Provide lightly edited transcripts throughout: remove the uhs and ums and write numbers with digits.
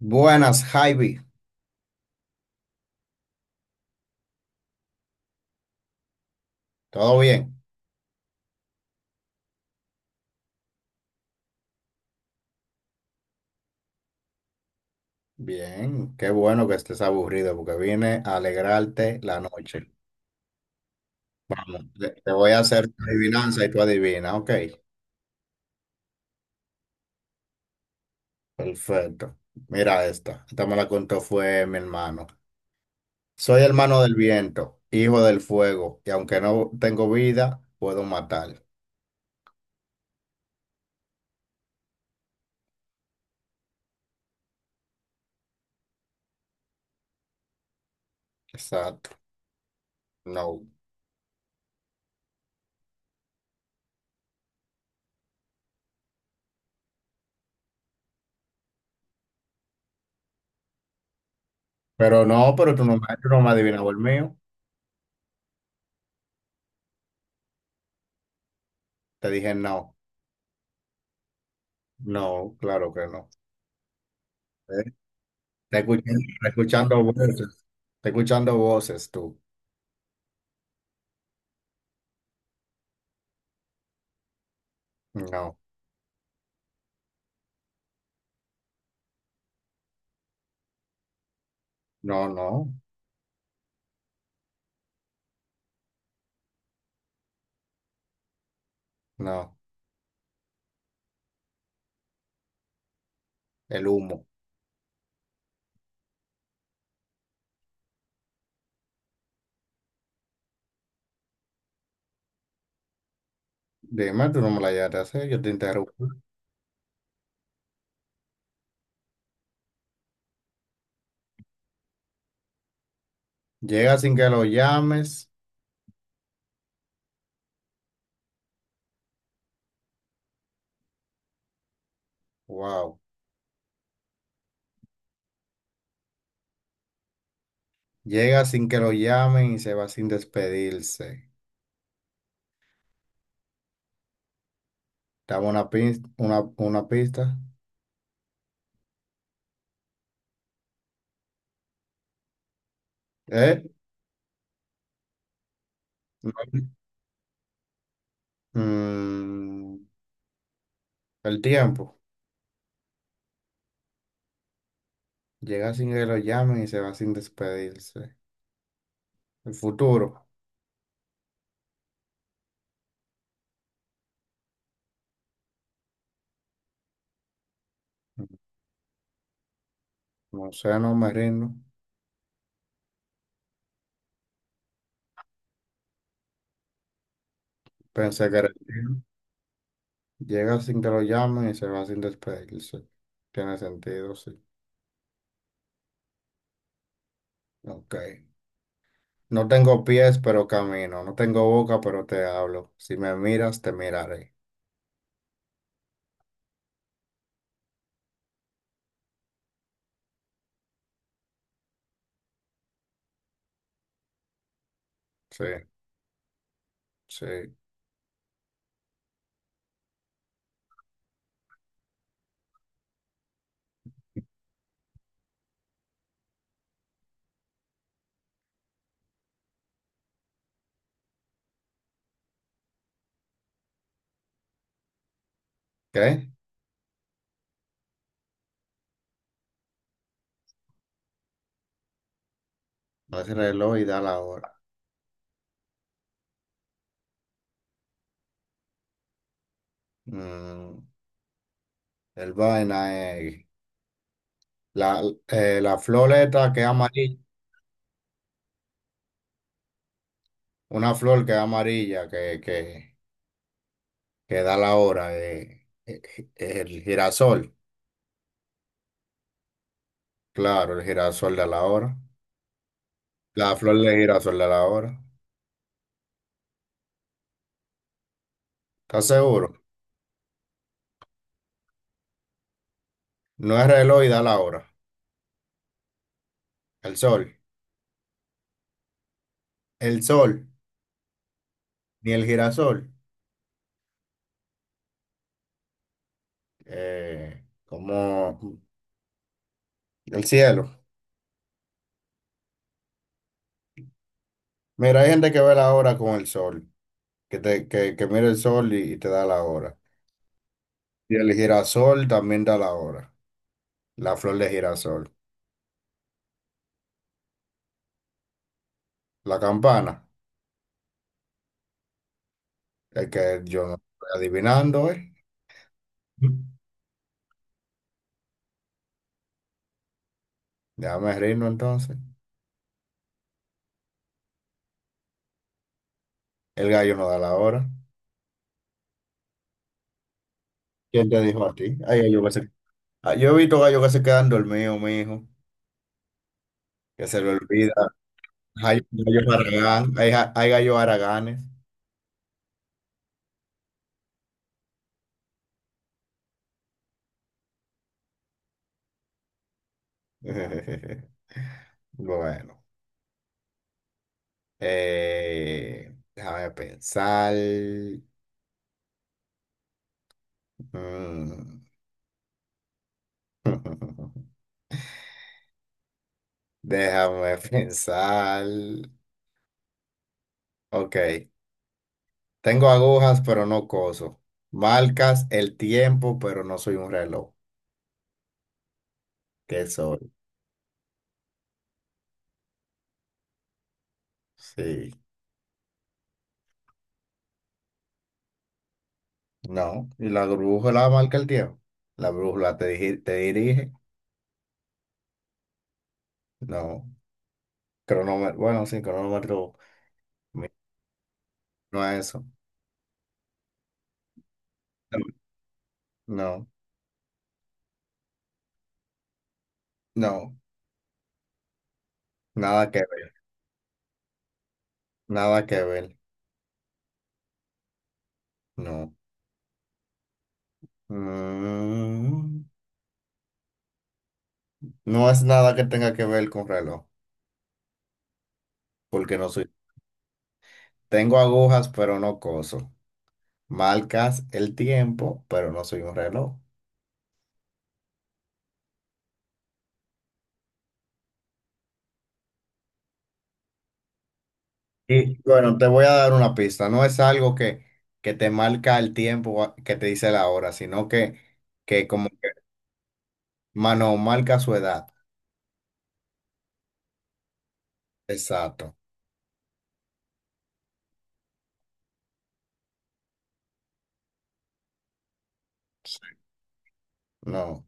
Buenas, Javi. ¿Todo bien? Bien, qué bueno que estés aburrido porque vine a alegrarte la noche. Vamos, te voy a hacer tu adivinanza y tú adivina, ok. Perfecto. Mira esta. Esta me la contó fue mi hermano. Soy hermano del viento, hijo del fuego, y aunque no tengo vida, puedo matar. Exacto. No. Pero no, pero tú no, tú no me adivinabas el mío. Te dije no. No, claro que no. Está escuchando voces. Está escuchando voces tú. No, no, no, no. El humo. Dime, tú no me la llegaste a hacer, yo te interrumpo. Llega sin que lo llames. Wow. Llega sin que lo llamen y se va sin despedirse. Dame una pista, una pista. ¿Eh? No. Mm, el tiempo. Llega sin que lo llamen y se va sin despedirse. El futuro. No sé, no me rindo. Pensé que era el tiempo. Llega sin que lo llamen y se va sin despedirse. Tiene sentido, sí. Ok. No tengo pies, pero camino. No tengo boca, pero te hablo. Si me miras, te miraré. Sí, sí. ¿Qué? No es el reloj y da la hora. Mm, el vaina es la, la flor esta que es amarilla. Una flor que es amarilla, que da la hora. El girasol. Claro, el girasol de la hora. La flor de girasol de la hora. ¿Estás seguro? No es reloj y da la hora. El sol. El sol, ni el girasol. Como el cielo. Mira, hay gente que ve la hora con el sol, que mira el sol y te da la hora. Y el girasol también da la hora. La flor de girasol. La campana, el que yo no estoy adivinando, ¿eh? Déjame reírnos entonces. El gallo no da la hora. ¿Quién te dijo a ti? Ay, Ah, yo he visto gallos que se quedan dormidos, mijo, que se le olvida. Hay gallos haraganes, hay gallos haraganes. Bueno, déjame pensar. Mm. Déjame pensar. Ok, tengo agujas, pero no coso. Marcas el tiempo, pero no soy un reloj. ¿Qué soy? Sí, no. ¿Y la brújula marca el tiempo? ¿La brújula te, te dirige? No. Cronómetro, bueno, sí, cronómetro. mi- No es eso. No, no, nada que ver, nada que ver, no. Mm, no es nada que tenga que ver con reloj, porque no soy. Tengo agujas, pero no coso. Marcas el tiempo, pero no soy un reloj. Y bueno, te voy a dar una pista. No es algo que te marca el tiempo, que te dice la hora, sino que como que, mano, marca su edad. Exacto. No.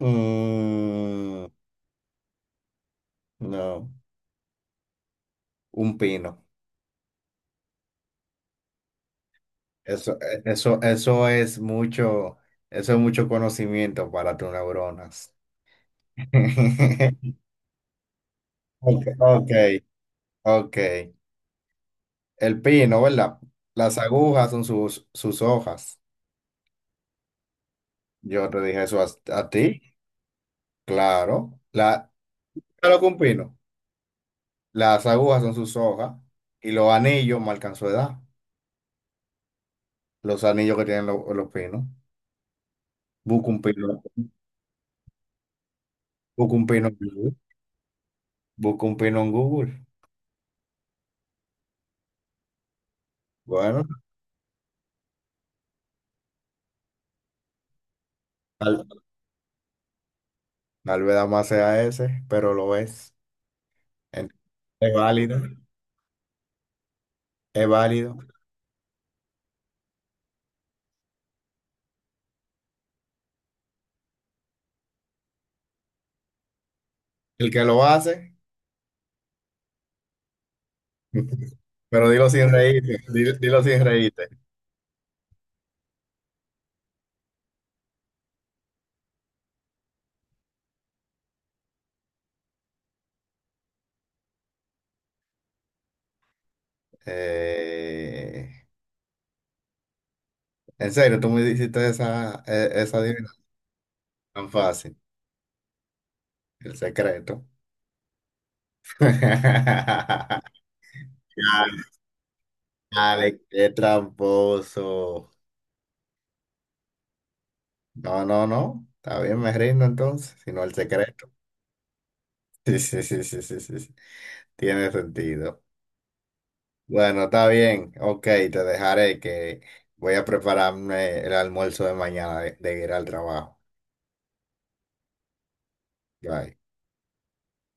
Mm, no. Un pino. Eso, e- eso, eso es mucho, eso es mucho conocimiento para tus neuronas. Ok, ok. El pino, ¿verdad? Las agujas son sus hojas. Yo te dije eso a ti, claro. La, claro que un pino. Las agujas son sus hojas y los anillos marcan su edad. Los anillos que tienen los pinos. Busca un pino, busca un pino en Google. Busca un pino en Google. Bueno. Tal vez más sea ese, pero lo es. Entonces, es válido, es válido. El que lo hace, pero dilo sin reírte, dilo sin reírte. Eh, en serio, tú me hiciste esa adivinanza tan fácil, el secreto. Ya, dale, qué tramposo. No, no, no. Está bien, me rindo entonces, sino el secreto. Sí, sí, sí, sí, sí, sí, sí. Tiene sentido. Bueno, está bien. Ok, te dejaré que voy a prepararme el almuerzo de mañana de ir al trabajo. Bye.